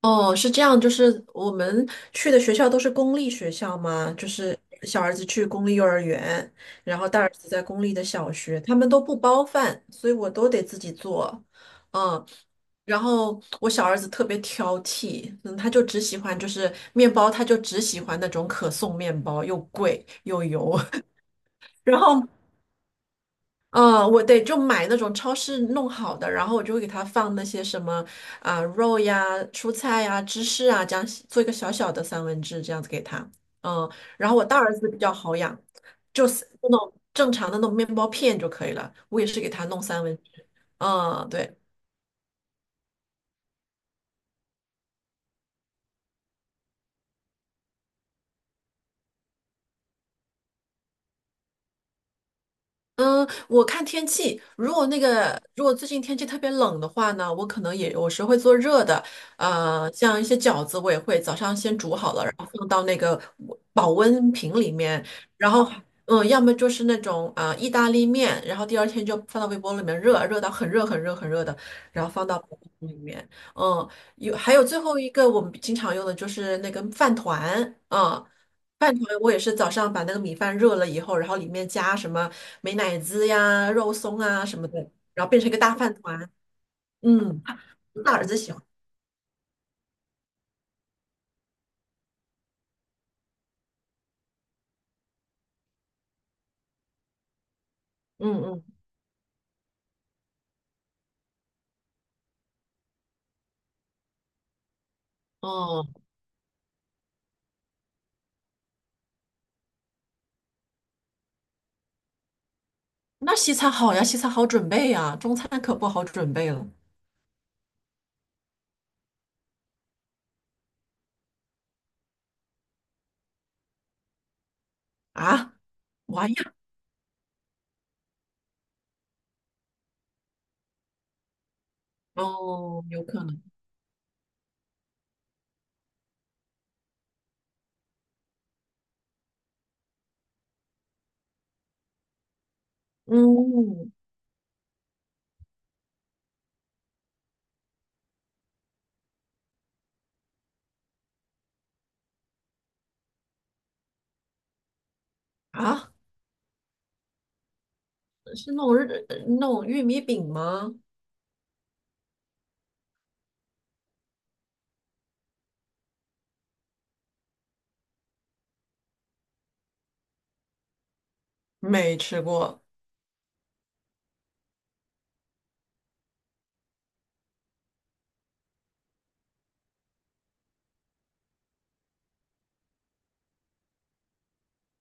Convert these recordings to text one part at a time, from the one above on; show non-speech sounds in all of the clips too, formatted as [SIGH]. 哦，是这样，就是我们去的学校都是公立学校嘛，就是小儿子去公立幼儿园，然后大儿子在公立的小学，他们都不包饭，所以我都得自己做。嗯，然后我小儿子特别挑剔，嗯，他就只喜欢就是面包，他就只喜欢那种可颂面包，又贵又油。[LAUGHS] 然后嗯，我得就买那种超市弄好的，然后我就会给它放那些什么啊、肉呀、蔬菜呀、芝士啊，这样做一个小小的三文治，这样子给他。嗯，然后我大儿子比较好养，就是那种正常的那种面包片就可以了。我也是给他弄三文治。嗯，对。嗯，我看天气，如果最近天气特别冷的话呢，我可能也有时会做热的，像一些饺子我也会早上先煮好了，然后放到那个保温瓶里面，然后嗯，要么就是那种啊、意大利面，然后第二天就放到微波炉里面热，热到很热很热很热的，然后放到保温瓶里面，嗯，还有最后一个我们经常用的就是那个饭团，嗯。饭团我也是早上把那个米饭热了以后，然后里面加什么美乃滋呀、肉松啊什么的，然后变成一个大饭团。嗯，大儿子喜欢。嗯嗯，哦，那西餐好呀，西餐好准备呀，中餐可不好准备了啊。玩呀，哦，有可能。嗯，啊，是那种玉米饼吗？没吃过。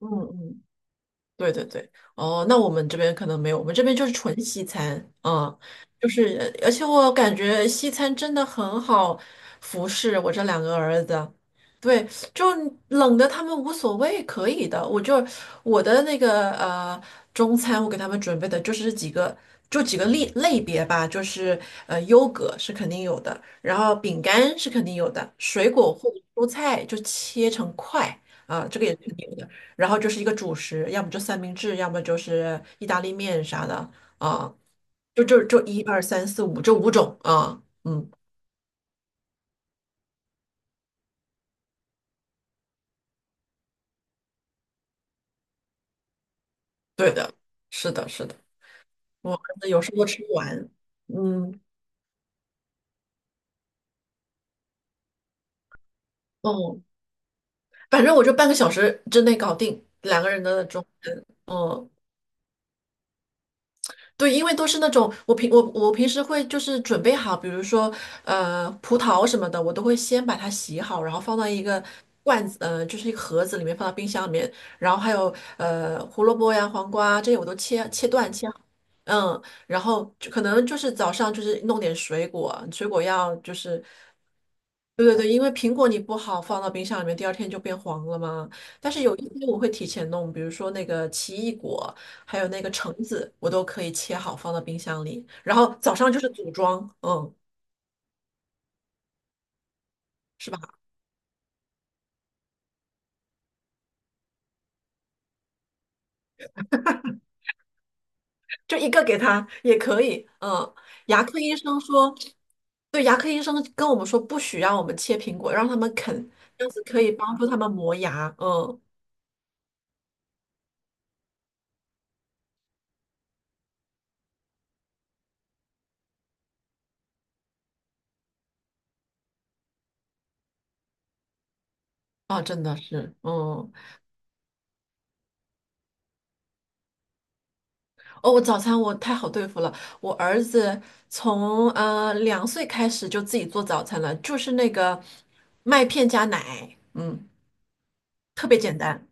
嗯嗯。对对对，哦，那我们这边可能没有，我们这边就是纯西餐，嗯，就是，而且我感觉西餐真的很好服侍我这两个儿子，对，就冷的他们无所谓，可以的，我的那个中餐，我给他们准备的就是几个。就几个类别吧，就是优格是肯定有的，然后饼干是肯定有的，水果或者蔬菜就切成块啊、这个也是肯定有的。然后就是一个主食，要么就三明治，要么就是意大利面啥的啊，就一二三四五这五种啊，嗯，对的，是的，是的，我儿子有时候吃不完，嗯，哦，反正我就半个小时之内搞定两个人的中餐，嗯。对，因为都是那种我平时会就是准备好，比如说葡萄什么的，我都会先把它洗好，然后放到一个罐子，就是一个盒子里面，放到冰箱里面。然后还有胡萝卜呀、黄瓜这些我都切断切好，嗯，然后就可能就是早上就是弄点水果，水果要就是。对对对，因为苹果你不好放到冰箱里面，第二天就变黄了嘛。但是有一些我会提前弄，比如说那个奇异果，还有那个橙子，我都可以切好放到冰箱里，然后早上就是组装，嗯，是吧？就一个给他也可以，嗯。牙科医生说，对，牙科医生跟我们说不许让我们切苹果，让他们啃，这样子可以帮助他们磨牙，嗯，啊，真的是，嗯。哦，我早餐我太好对付了。我儿子从2岁开始就自己做早餐了，就是那个麦片加奶，嗯，特别简单。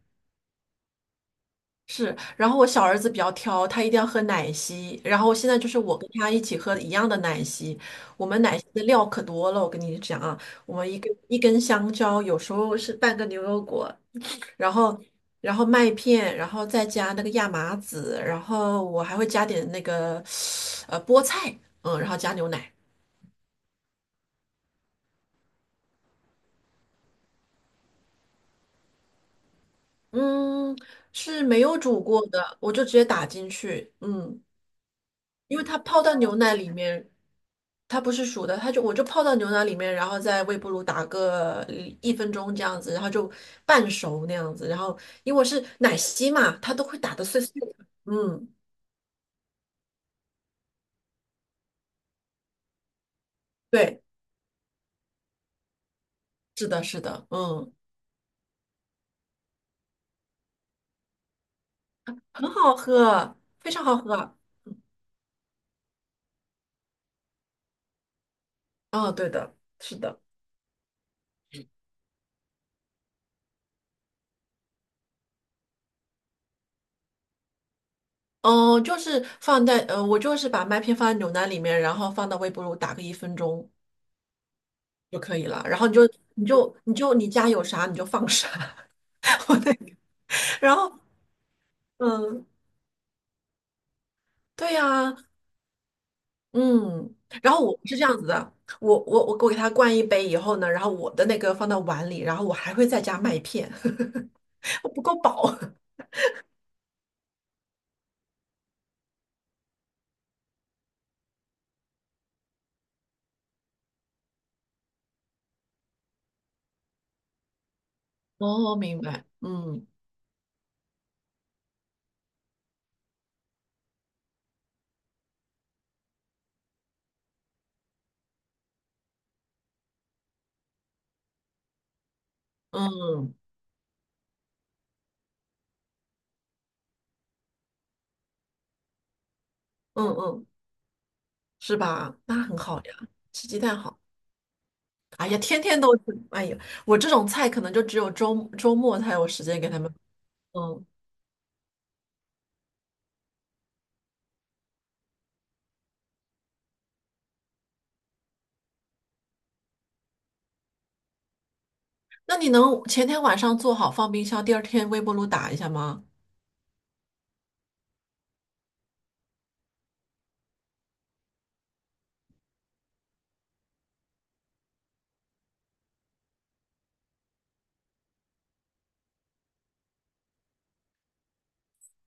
是，然后我小儿子比较挑，他一定要喝奶昔，然后现在就是我跟他一起喝一样的奶昔。我们奶昔的料可多了，我跟你讲啊，我们一根一根香蕉，有时候是半个牛油果，然后然后麦片，然后再加那个亚麻籽，然后我还会加点那个菠菜，嗯，然后加牛奶，嗯，是没有煮过的，我就直接打进去，嗯，因为它泡到牛奶里面，它不是熟的，我就泡到牛奶里面，然后在微波炉打个一分钟这样子，然后就半熟那样子，然后因为我是奶昔嘛，它都会打的碎碎的，嗯，对，是的，是的，嗯。很好喝，非常好喝。哦，对的，是的。哦，就是放在我就是把麦片放在牛奶里面，然后放到微波炉打个一分钟就可以了。然后你就你家有啥你就放啥，[LAUGHS] 我那个。然后嗯，对呀、嗯。然后我是这样子的，我给它灌一杯以后呢，然后我的那个放到碗里，然后我还会再加麦片，[LAUGHS] 我不够饱。[LAUGHS] 哦，明白。嗯嗯嗯嗯。是吧？那很好呀，吃鸡蛋好。哎呀，天天都吃，哎呀，我这种菜可能就只有周末才有时间给他们。嗯，那你能前天晚上做好放冰箱，第二天微波炉打一下吗？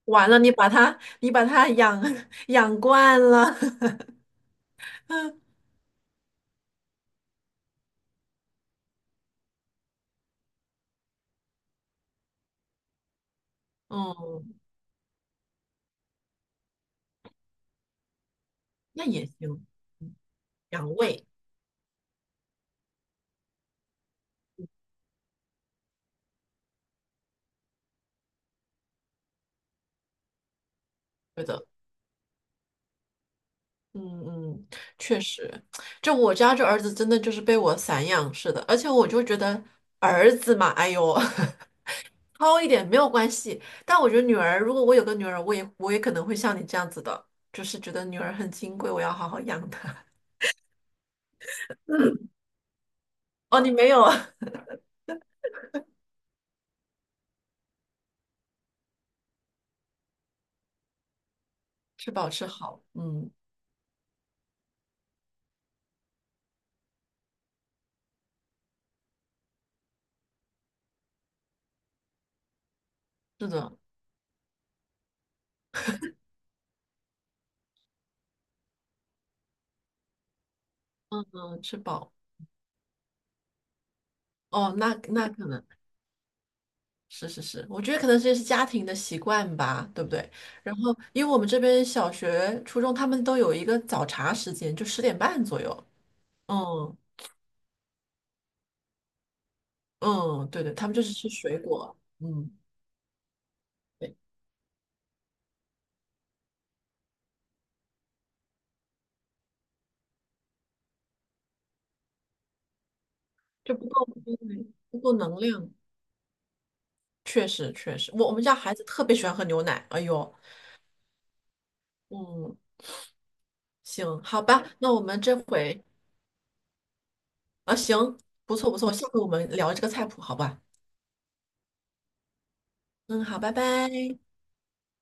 完了，你把它养 [LAUGHS] 养惯了。[LAUGHS] 嗯，那也行，养胃，对的。嗯嗯，确实，就我家这儿子真的就是被我散养似的，而且我就觉得儿子嘛，哎呦。[LAUGHS] 糙一点没有关系，但我觉得女儿，如果我有个女儿，我也可能会像你这样子的，就是觉得女儿很金贵，我要好好养她。[LAUGHS] 哦，你没有啊？[LAUGHS] 吃饱吃好，嗯，是的，嗯嗯，吃饱。哦，那可能是是是，我觉得可能这是家庭的习惯吧，对不对？然后，因为我们这边小学、初中他们都有一个早茶时间，就10:30左右。嗯嗯，对对，他们就是吃水果，嗯，对，就不够能量。确实确实，我们家孩子特别喜欢喝牛奶。哎呦，嗯，行，好吧，那我们这回啊，行，不错不错，下回我们聊这个菜谱，好吧？嗯，好，拜拜。